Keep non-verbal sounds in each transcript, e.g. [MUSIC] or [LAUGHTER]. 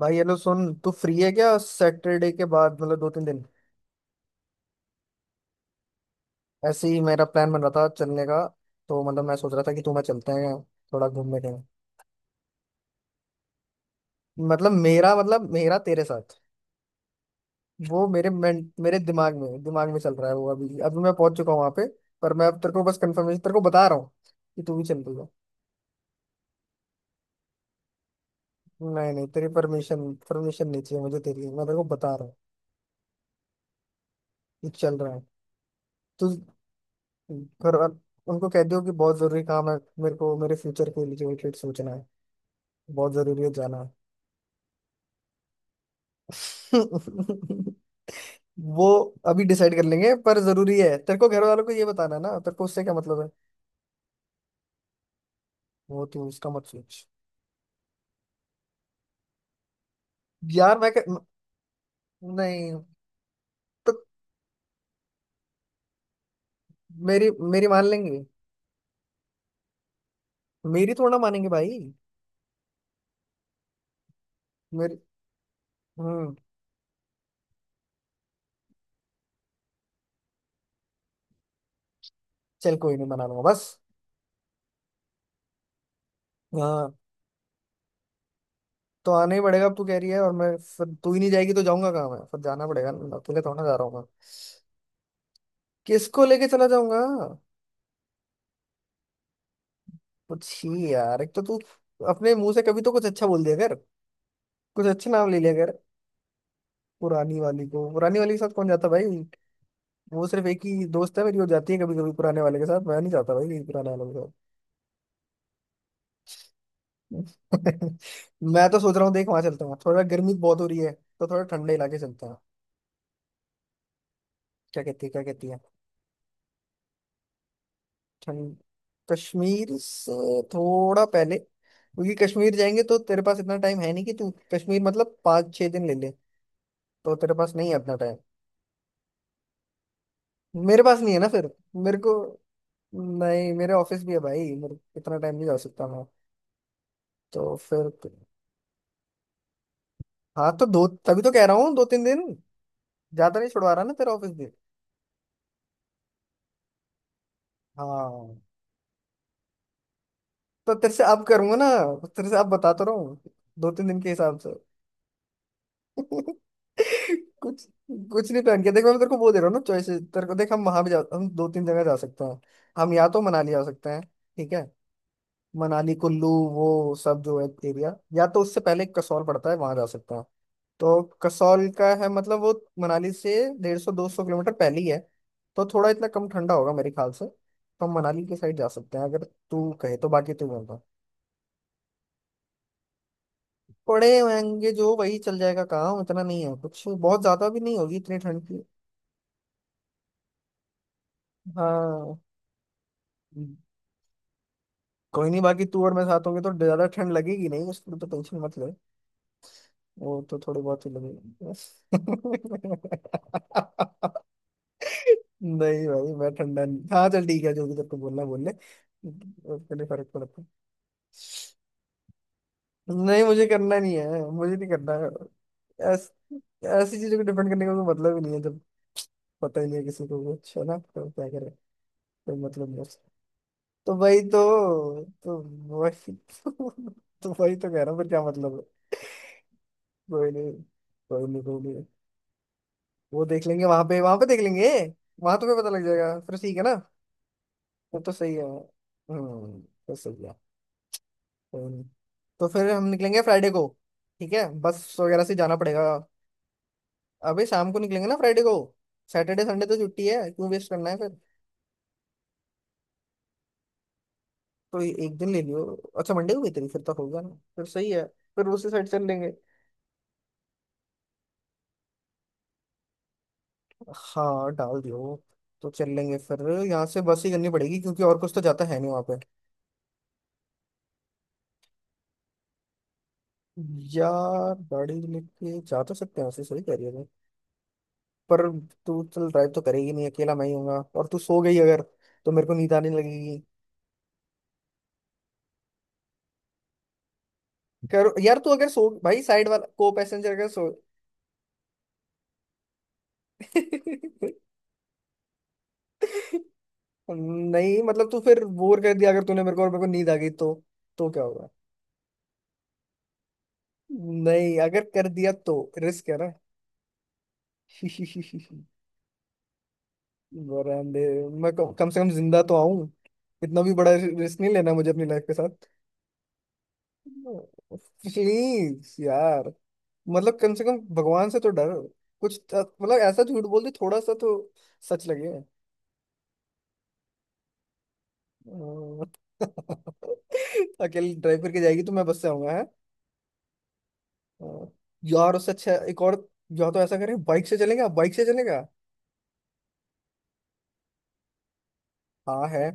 भाई हेलो सुन, तू फ्री है क्या सैटरडे के बाद? मतलब दो तीन दिन। ऐसे ही मेरा प्लान बन रहा था चलने का। तो मैं सोच रहा था कि तू मैं चलते हैं थोड़ा घूमने के। मतलब मेरा तेरे साथ। वो मेरे दिमाग में चल रहा है। वो अभी अभी मैं पहुंच चुका हूँ वहां पे। पर मैं अब तेरे को बस कंफर्मेशन तेरे को बता रहा हूँ कि तू भी चल रही है। नहीं नहीं, तेरी परमिशन परमिशन नहीं चाहिए मुझे तेरी, मैं तेरे को बता रहा हूँ कि चल रहा है तू। घर वाल- उनको कह दियो कि बहुत जरूरी काम है, मेरे को मेरे फ्यूचर के लिए रिलेटेड सोचना है, बहुत जरूरी है जाना। [LAUGHS] वो अभी डिसाइड कर लेंगे, पर जरूरी है। तेरे को घर वालों को ये बताना है ना? तेरे को उससे क्या मतलब है? वो तू उसका मत सोच। यार मैं नहीं। तो मेरी मेरी मान लेंगे। मेरी थोड़ा ना मानेंगे भाई। मेरी। हम्म। चल कोई नहीं, मना लूंगा बस। हाँ, तो आना ही पड़ेगा अब, तू कह रही है और मैं फिर तू ही नहीं जाएगी तो जाऊंगा कहाँ मैं? फिर जाना पड़ेगा ना, अकेले थोड़ा जा रहा हूँ मैं। किसको लेके चला जाऊंगा? कुछ ही यार, एक तो तू अपने मुंह से कभी तो कुछ अच्छा बोल दिया कर, कुछ अच्छी नाम ले लिया कर। पुरानी वाली को, पुरानी वाली के साथ कौन जाता भाई। वो सिर्फ एक ही दोस्त है मेरी, वो जाती है कभी कभी पुराने वाले के साथ, मैं नहीं जाता भाई कहीं पुराने वाले के साथ। [LAUGHS] मैं तो सोच रहा हूँ, देख वहां चलता हूँ, थोड़ा गर्मी बहुत हो रही है तो थोड़ा ठंडे इलाके चलते हैं। क्या कहती है क्या कहती है? ठंड, कश्मीर से थोड़ा पहले, क्योंकि कश्मीर जाएंगे तो तेरे पास इतना टाइम है नहीं कि तू कश्मीर, मतलब पाँच छह दिन ले ले, तो तेरे पास नहीं है इतना टाइम। मेरे पास नहीं है ना फिर। मेरे को नहीं, मेरे ऑफिस भी है भाई, मेरे इतना टाइम नहीं जा सकता तो फिर। हाँ तो दो, तभी तो कह रहा हूँ दो तीन दिन, ज्यादा नहीं छुड़वा रहा ना तेरा ऑफिस दिन। हाँ। तो तेरे से अब करूंगा ना, तेरे से अब बताता रहूँ दो तीन दिन के हिसाब से। [LAUGHS] कुछ कुछ नहीं पहन के देख। मैं तेरे को वो दे रहा हूँ ना चॉइसेस, तेरे को देख हम वहां भी जा, हम दो तीन जगह जा सकते हैं। हम या तो मनाली जा सकते हैं, ठीक है, मनाली कुल्लू वो सब जो है एरिया, या तो उससे पहले कसौल पड़ता है, वहां जा सकते हैं। तो कसौल का है मतलब वो मनाली से डेढ़ सौ दो सौ किलोमीटर पहले ही है, तो थोड़ा इतना कम ठंडा होगा मेरे ख्याल से। तो हम मनाली के साइड जा सकते हैं अगर तू कहे तो, बाकी तू बता। पड़े होंगे जो वही चल जाएगा काम, इतना नहीं है कुछ बहुत ज्यादा भी नहीं होगी इतनी ठंड की। हाँ। कोई नहीं, बाकी तू और मैं साथ होंगे तो ज्यादा ठंड लगेगी नहीं, उसकी तो टेंशन मत ले, वो तो थोड़ी बहुत ही लगेगी। [LAUGHS] नहीं भाई मैं ठंडा नहीं। हाँ चल ठीक है, जो भी तेरे को बोलना है बोल ले, उसके लिए फर्क पड़ता है। नहीं मुझे करना नहीं है, मुझे नहीं करना है। ऐस, ऐसी चीजों को डिपेंड करने का कोई मतलब ही नहीं है जब पता ही नहीं है किसी को कुछ, है ना, तो क्या करे। कोई मतलब नहीं है उसका। तो वही तो वही तो, [LAUGHS] तो वही तो कह रहा हूँ, फिर क्या मतलब है। कोई नहीं, कोई नहीं, कोई नहीं, वो देख लेंगे वहां पे देख लेंगे। वहां तुम्हें पता लग जाएगा फिर, ठीक है ना। वो तो सही है। हम्म, तो सही है। हम्म, तो फिर हम निकलेंगे फ्राइडे को, ठीक है, बस वगैरह से जाना पड़ेगा। अबे शाम को निकलेंगे ना फ्राइडे को, सैटरडे संडे तो छुट्टी है, क्यों वेस्ट करना है फिर। तो ये एक दिन ले लियो। अच्छा मंडे को भी तेरी, फिर तो होगा ना, फिर सही है, फिर उसी साइड चल लेंगे। हाँ डाल दियो, तो चल लेंगे फिर। यहाँ से बस ही करनी पड़ेगी क्योंकि और कुछ तो जाता है नहीं वहां पे। यार गाड़ी लेके जा तो सकते हैं वैसे, सही कह रही है, पर तू चल ड्राइव तो करेगी नहीं, अकेला मैं ही हूँगा और तू सो गई अगर तो मेरे को नींद आने लगेगी। कर यार तू अगर सो, भाई साइड वाला को पैसेंजर अगर सो। [LAUGHS] नहीं मतलब तू फिर बोर कर दिया अगर तूने मेरे को और मेरे को नींद आ गई तो क्या होगा। नहीं अगर कर दिया तो रिस्क है ना। [LAUGHS] बरामदे। मैं कम से कम जिंदा तो आऊं, इतना भी बड़ा रिस्क नहीं लेना मुझे अपनी लाइफ के साथ। [LAUGHS] प्लीज यार, मतलब कम से कम भगवान से तो डरो। मतलब ऐसा झूठ बोल दे थोड़ा सा तो सच लगे। अह, [LAUGHS] अकेले ड्राइव करके जाएगी तो मैं बस से आऊंगा है। अह, यार उससे अच्छा एक और, या तो ऐसा करें बाइक से चलेगा, बाइक से चलेगा। हाँ है।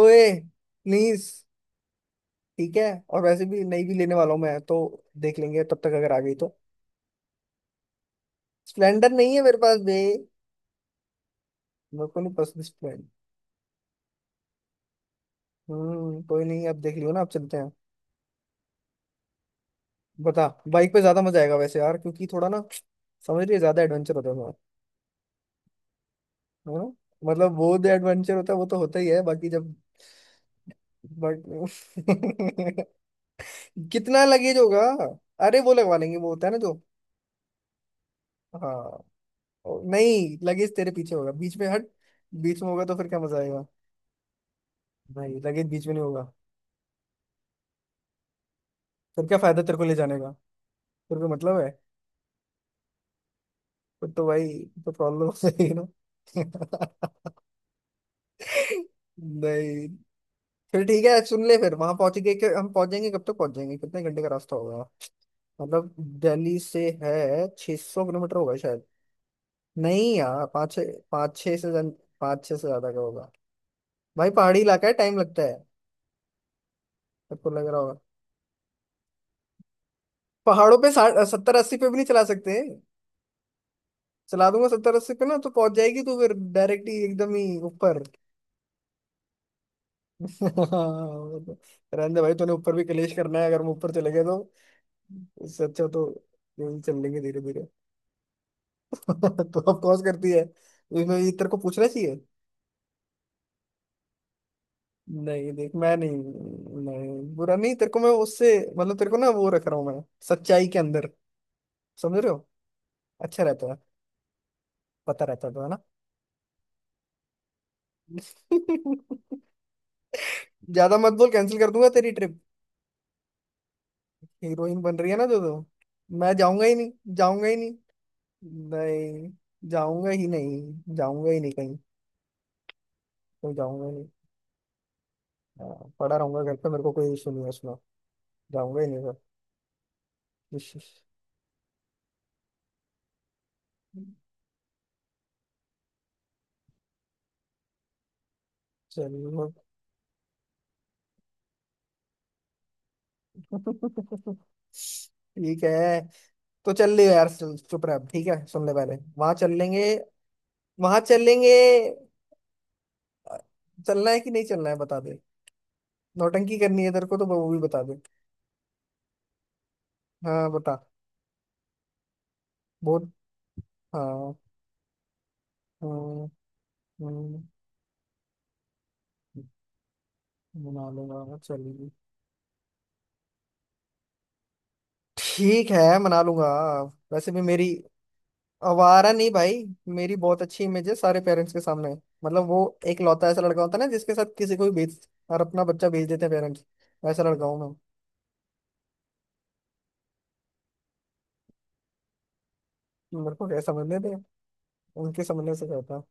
ओए प्लीज, ठीक है। और वैसे भी नहीं भी लेने वाला हूँ मैं तो, देख लेंगे तब तक अगर आ गई तो। स्प्लेंडर नहीं है मेरे पास बे, मेरे को नहीं पसंद स्प्लेंडर। कोई नहीं, अब देख लियो ना, अब चलते हैं। बता बाइक पे ज्यादा मजा आएगा वैसे यार, क्योंकि थोड़ा ना समझ रही है, ज्यादा एडवेंचर होता है वहाँ, है ना, मतलब वो जो एडवेंचर होता है वो तो होता ही है बाकी जब। बट [LAUGHS] कितना लगेज होगा। अरे वो लगवा लेंगे, वो होता है ना जो। हाँ। नहीं लगेज तेरे पीछे होगा, बीच में हट। बीच में होगा तो फिर क्या मजा आएगा। नहीं लगेज बीच में नहीं होगा, फिर क्या फायदा तेरे को ले जाने का, फिर कोई मतलब है, फिर तो भाई तो प्रॉब्लम हो जाएगी ना। [LAUGHS] नहीं, फिर ठीक है सुन ले, फिर वहां पहुंच गए कि हम पहुंच जाएंगे कब तक, पहुंच जाएंगे कितने घंटे का रास्ता होगा मतलब, दिल्ली से है 600 सौ किलोमीटर होगा शायद। नहीं यार पाँच छः से जन पाँच छः से ज्यादा का होगा। भाई पहाड़ी इलाका है, टाइम लगता है, सबको लग रहा होगा। पहाड़ों पे साठ सत्तर अस्सी पे भी नहीं चला सकते हैं। चला दूंगा सत्तर अस्सी पे ना तो पहुंच जाएगी तो फिर डायरेक्ट ही एकदम ही ऊपर। [LAUGHS] रहने दे भाई, तूने ऊपर भी कलेश करना है अगर हम ऊपर चले गए तो। इससे अच्छा तो यूं ही चल लेंगे धीरे धीरे। [LAUGHS] तो ऑफ कोर्स करती है, इसमें ये तेरे को पूछना चाहिए। नहीं देख मैं नहीं, नहीं बुरा नहीं तेरे को मैं, उससे मतलब तेरे को ना वो रख रहा हूँ मैं सच्चाई के अंदर। समझ रहे हो, अच्छा रहता है, पता रहता है तो है ना। [LAUGHS] ज्यादा मत बोल, कैंसिल कर दूंगा तेरी ट्रिप। हीरोइन बन रही है ना जो तो मैं जाऊंगा ही नहीं, जाऊंगा ही नहीं। नहीं जाऊंगा ही नहीं, जाऊंगा ही नहीं कहीं। तो जाऊंगा ही नहीं। हाँ, पड़ा रहूंगा घर पे, मेरे को कोई इशू नहीं है उसमें, जाऊंगा ही नहीं घर। चलो ठीक है, तो चल ले यार, चुप रह अब, ठीक है सुन ले, पहले वहां चल लेंगे, वहां चल लेंगे। चलना है कि नहीं चलना है बता दे, नौटंकी करनी है तेरे को तो वो भी बता दे। हाँ बता। बहुत। हाँ। हम्म, हम्म, मना लूंगा चलिए। ठीक है मना लूंगा। वैसे भी मेरी, आवारा नहीं भाई, मेरी बहुत अच्छी इमेज है सारे पेरेंट्स के सामने। मतलब वो एक लौता ऐसा लड़का होता है ना जिसके साथ किसी को भी भेज, और अपना बच्चा भेज देते हैं पेरेंट्स, वैसा लड़का हूँ मैं। मेरे को क्या समझने दे, उनके समझने से क्या होता है।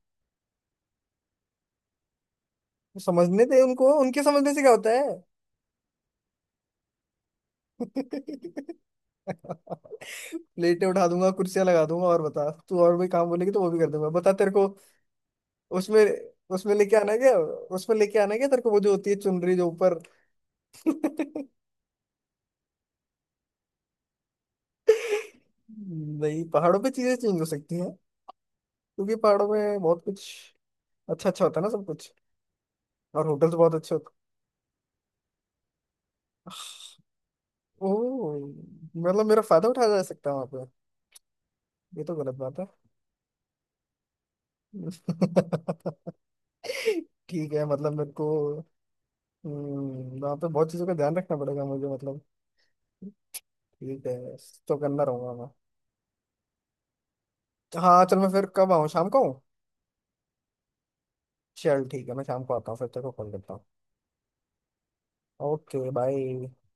समझने दे उनको, उनके समझने से क्या होता है। [LAUGHS] प्लेटें उठा दूंगा, कुर्सियां लगा दूंगा, और बता तू, और भी काम बोलेगी तो वो भी कर दूंगा बता तेरे को। उसमें, उसमें लेके आना है क्या, उसमें लेके आना है क्या तेरे को वो जो होती है चुनरी जो ऊपर। [LAUGHS] नहीं पहाड़ों पे चीजें चेंज हो सकती हैं क्योंकि पहाड़ों में बहुत कुछ अच्छा अच्छा होता है ना सब कुछ, और होटल्स बहुत अच्छे होते हैं। ओह, मतलब मेरा फायदा उठाया जा सकता है वहां पे, ये तो गलत बात है। ठीक है मतलब मेरे को, वहाँ पे बहुत चीज़ों का ध्यान रखना पड़ेगा मुझे मतलब। ठीक है, तो करना रहूंगा मैं। हाँ चल, मैं फिर कब आऊँ, शाम को आऊँ? चल ठीक है, मैं शाम को आता हूँ, फिर तेरे को कॉल करता हूँ। Okay bye.